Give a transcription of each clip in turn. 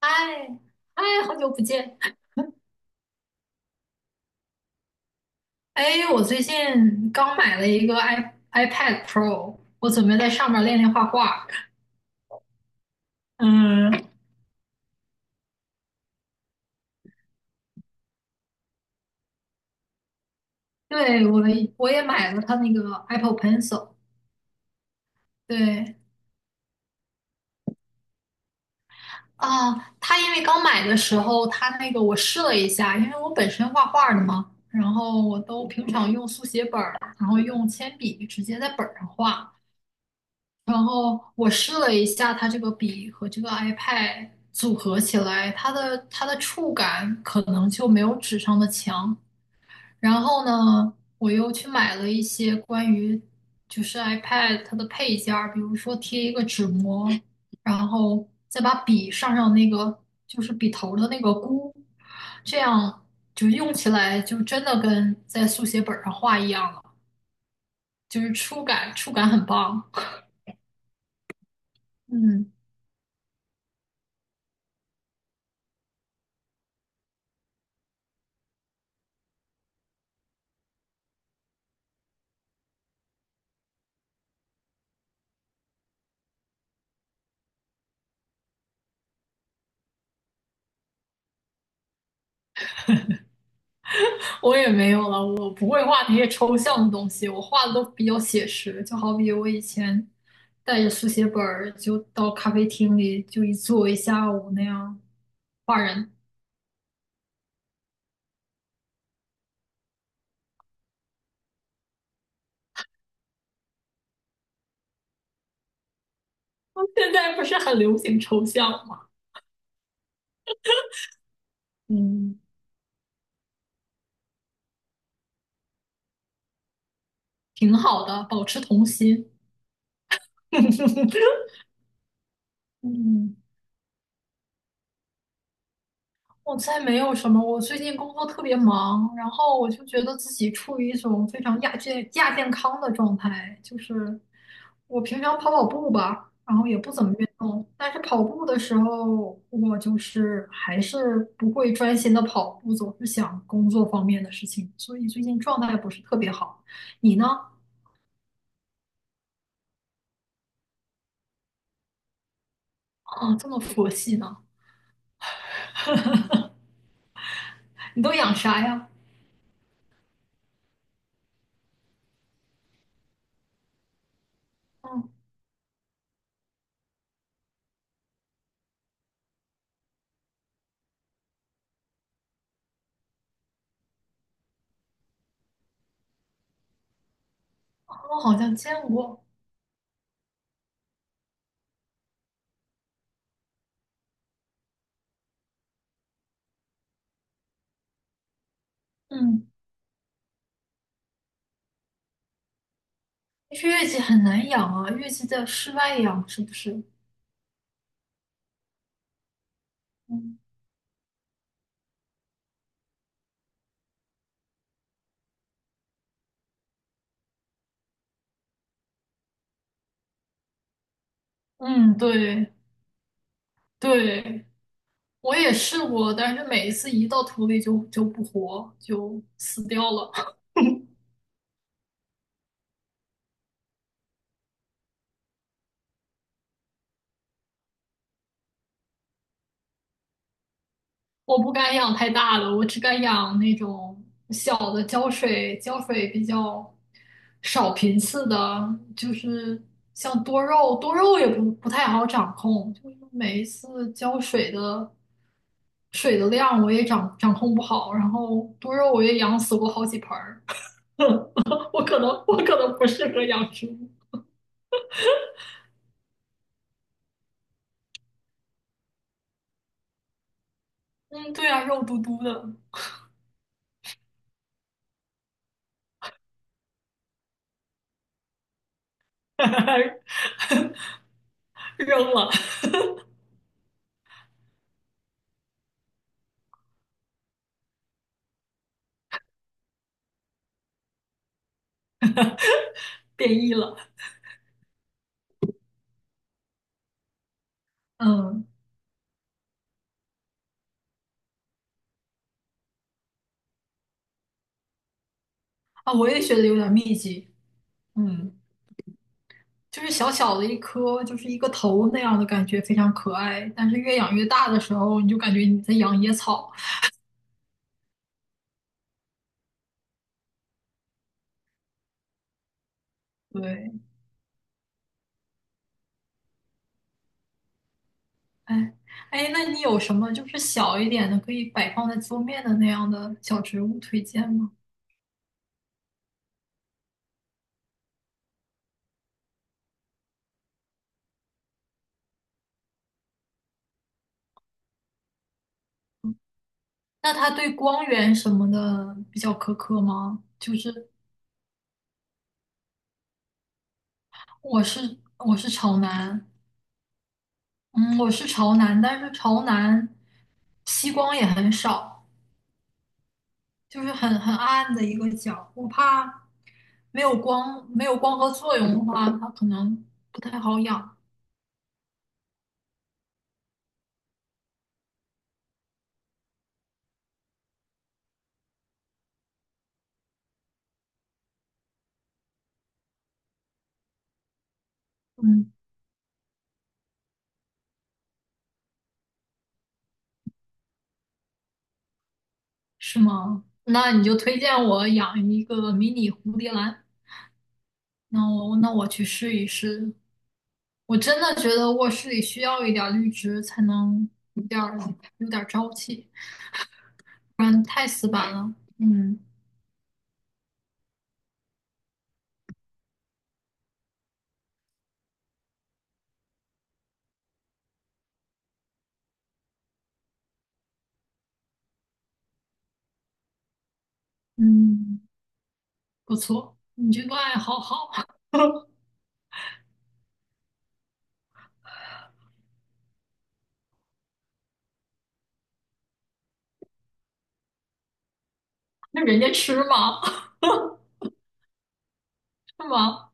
哎哎，好久不见！哎，我最近刚买了一个 iPad Pro，我准备在上面练练画画。嗯，对，我也买了它那个 Apple Pencil。对啊，它因为刚买的时候，它那个我试了一下，因为我本身画画的嘛，然后我都平常用速写本儿，然后用铅笔直接在本儿上画。然后我试了一下它这个笔和这个 iPad 组合起来，它的触感可能就没有纸上的强。然后呢，我又去买了一些关于iPad 它的配件儿，比如说贴一个纸膜，然后再把上那个就是笔头儿的那个箍，这样就用起来就真的跟在速写本儿上画一样了，就是触感很棒。嗯。我也没有了，我不会画那些抽象的东西，我画的都比较写实。就好比我以前带着速写本儿，就到咖啡厅里就一坐一下午那样画人。现在不是很流行抽象吗？嗯，挺好的，保持童心。嗯。我猜没有什么，我最近工作特别忙，然后我就觉得自己处于一种非常亚健康的状态，就是我平常跑跑步吧，然后也不怎么运动，但是跑步的时候，我就是还是不会专心的跑步，总是想工作方面的事情，所以最近状态不是特别好。你呢？啊，这么佛系呢？你都养啥呀？嗯，啊我好像见过，嗯，但是月季很难养啊，月季在室外养是不是？嗯，嗯对对，我也试过，但是每一次一到土里就不活，就死掉了。我不敢养太大的，我只敢养那种小的浇水，浇水比较少频次的，就是像多肉，多肉也不太好掌控，就是每一次浇水的水的量我也掌控不好，然后多肉我也养死过好几盆儿。我可能不适合养植物。嗯，对啊，肉嘟嘟的。扔了。变异了。嗯，啊，我也觉得有点密集。嗯，就是小小的一颗，就是一个头那样的感觉，非常可爱。但是越养越大的时候，你就感觉你在养野草。对，哎，哎，那你有什么就是小一点的可以摆放在桌面的那样的小植物推荐吗？那它对光源什么的比较苛刻吗？就是我是朝南，嗯，我是朝南，但是朝南西光也很少，就是很暗的一个角，我怕没有光，没有光合作用的话，它可能不太好养。嗯，是吗？那你就推荐我养一个迷你蝴蝶兰，那我去试一试。我真的觉得卧室里需要一点绿植，才能有点儿有点儿朝气，不然太死板了。嗯嗯。不错，你这个爱好好。那人家吃吗？是吗？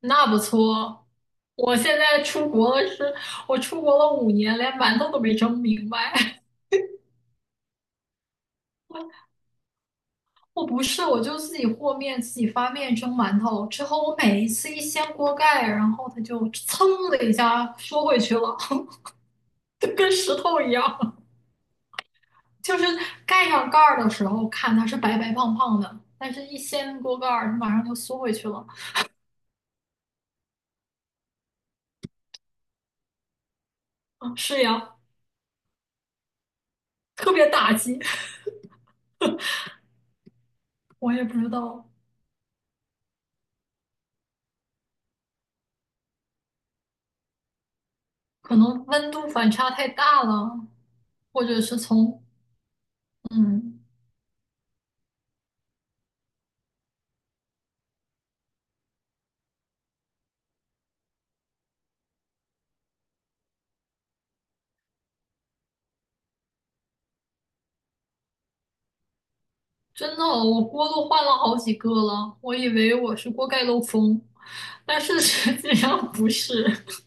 那不错。我现在出国了是，我出国了5年，连馒头都没蒸明白。我不是，我就自己和面，自己发面蒸馒头。之后我每一次一掀锅盖，然后它就噌的一下缩回去了。就跟石头一样。就是盖上盖儿的时候，看它是白白胖胖的，但是一掀锅盖儿，它马上就缩回去了。啊，是呀，特别打击。我也不知道，可能温度反差太大了，或者是从，嗯，真的，我锅都换了好几个了，我以为我是锅盖漏风，但是实际上不是。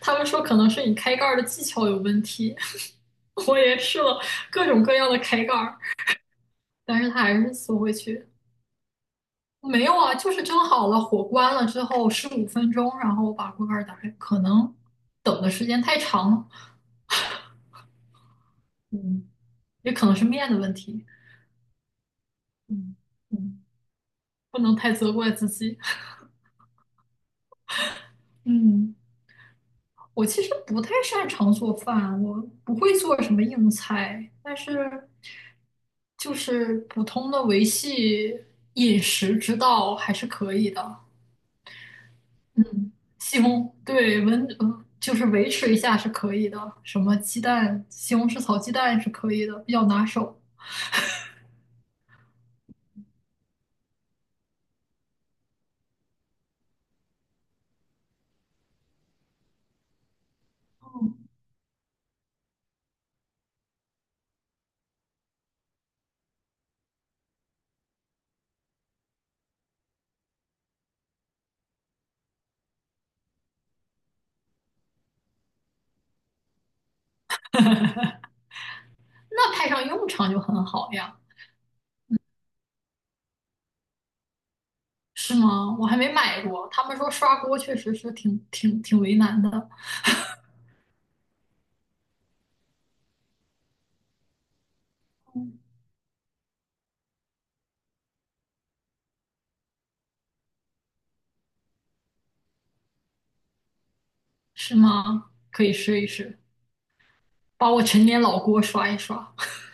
他们说可能是你开盖儿的技巧有问题。我也试了各种各样的开盖儿，但是它还是缩回去。没有啊，就是蒸好了，火关了之后15分钟，然后我把锅盖儿打开，可能等的时间太长了，嗯，也可能是面的问题。嗯嗯，不能太责怪自己。嗯，我其实不太擅长做饭，我不会做什么硬菜，但是就是普通的维系饮食之道还是可以的。嗯，西红，对，温，呃就是维持一下是可以的，什么鸡蛋、西红柿炒鸡蛋是可以的，比较拿手。嗯，那派上用场就很好呀，是吗？我还没买过，他们说刷锅确实是挺为难的。是吗？可以试一试，把我陈年老锅刷一刷。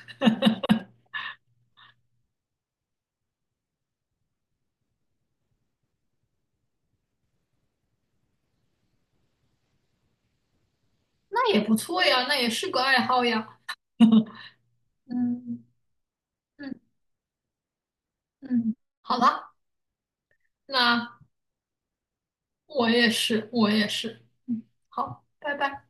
那也不错呀，那也是个爱好呀。嗯嗯嗯，好吧，那我也是，嗯，好，拜拜。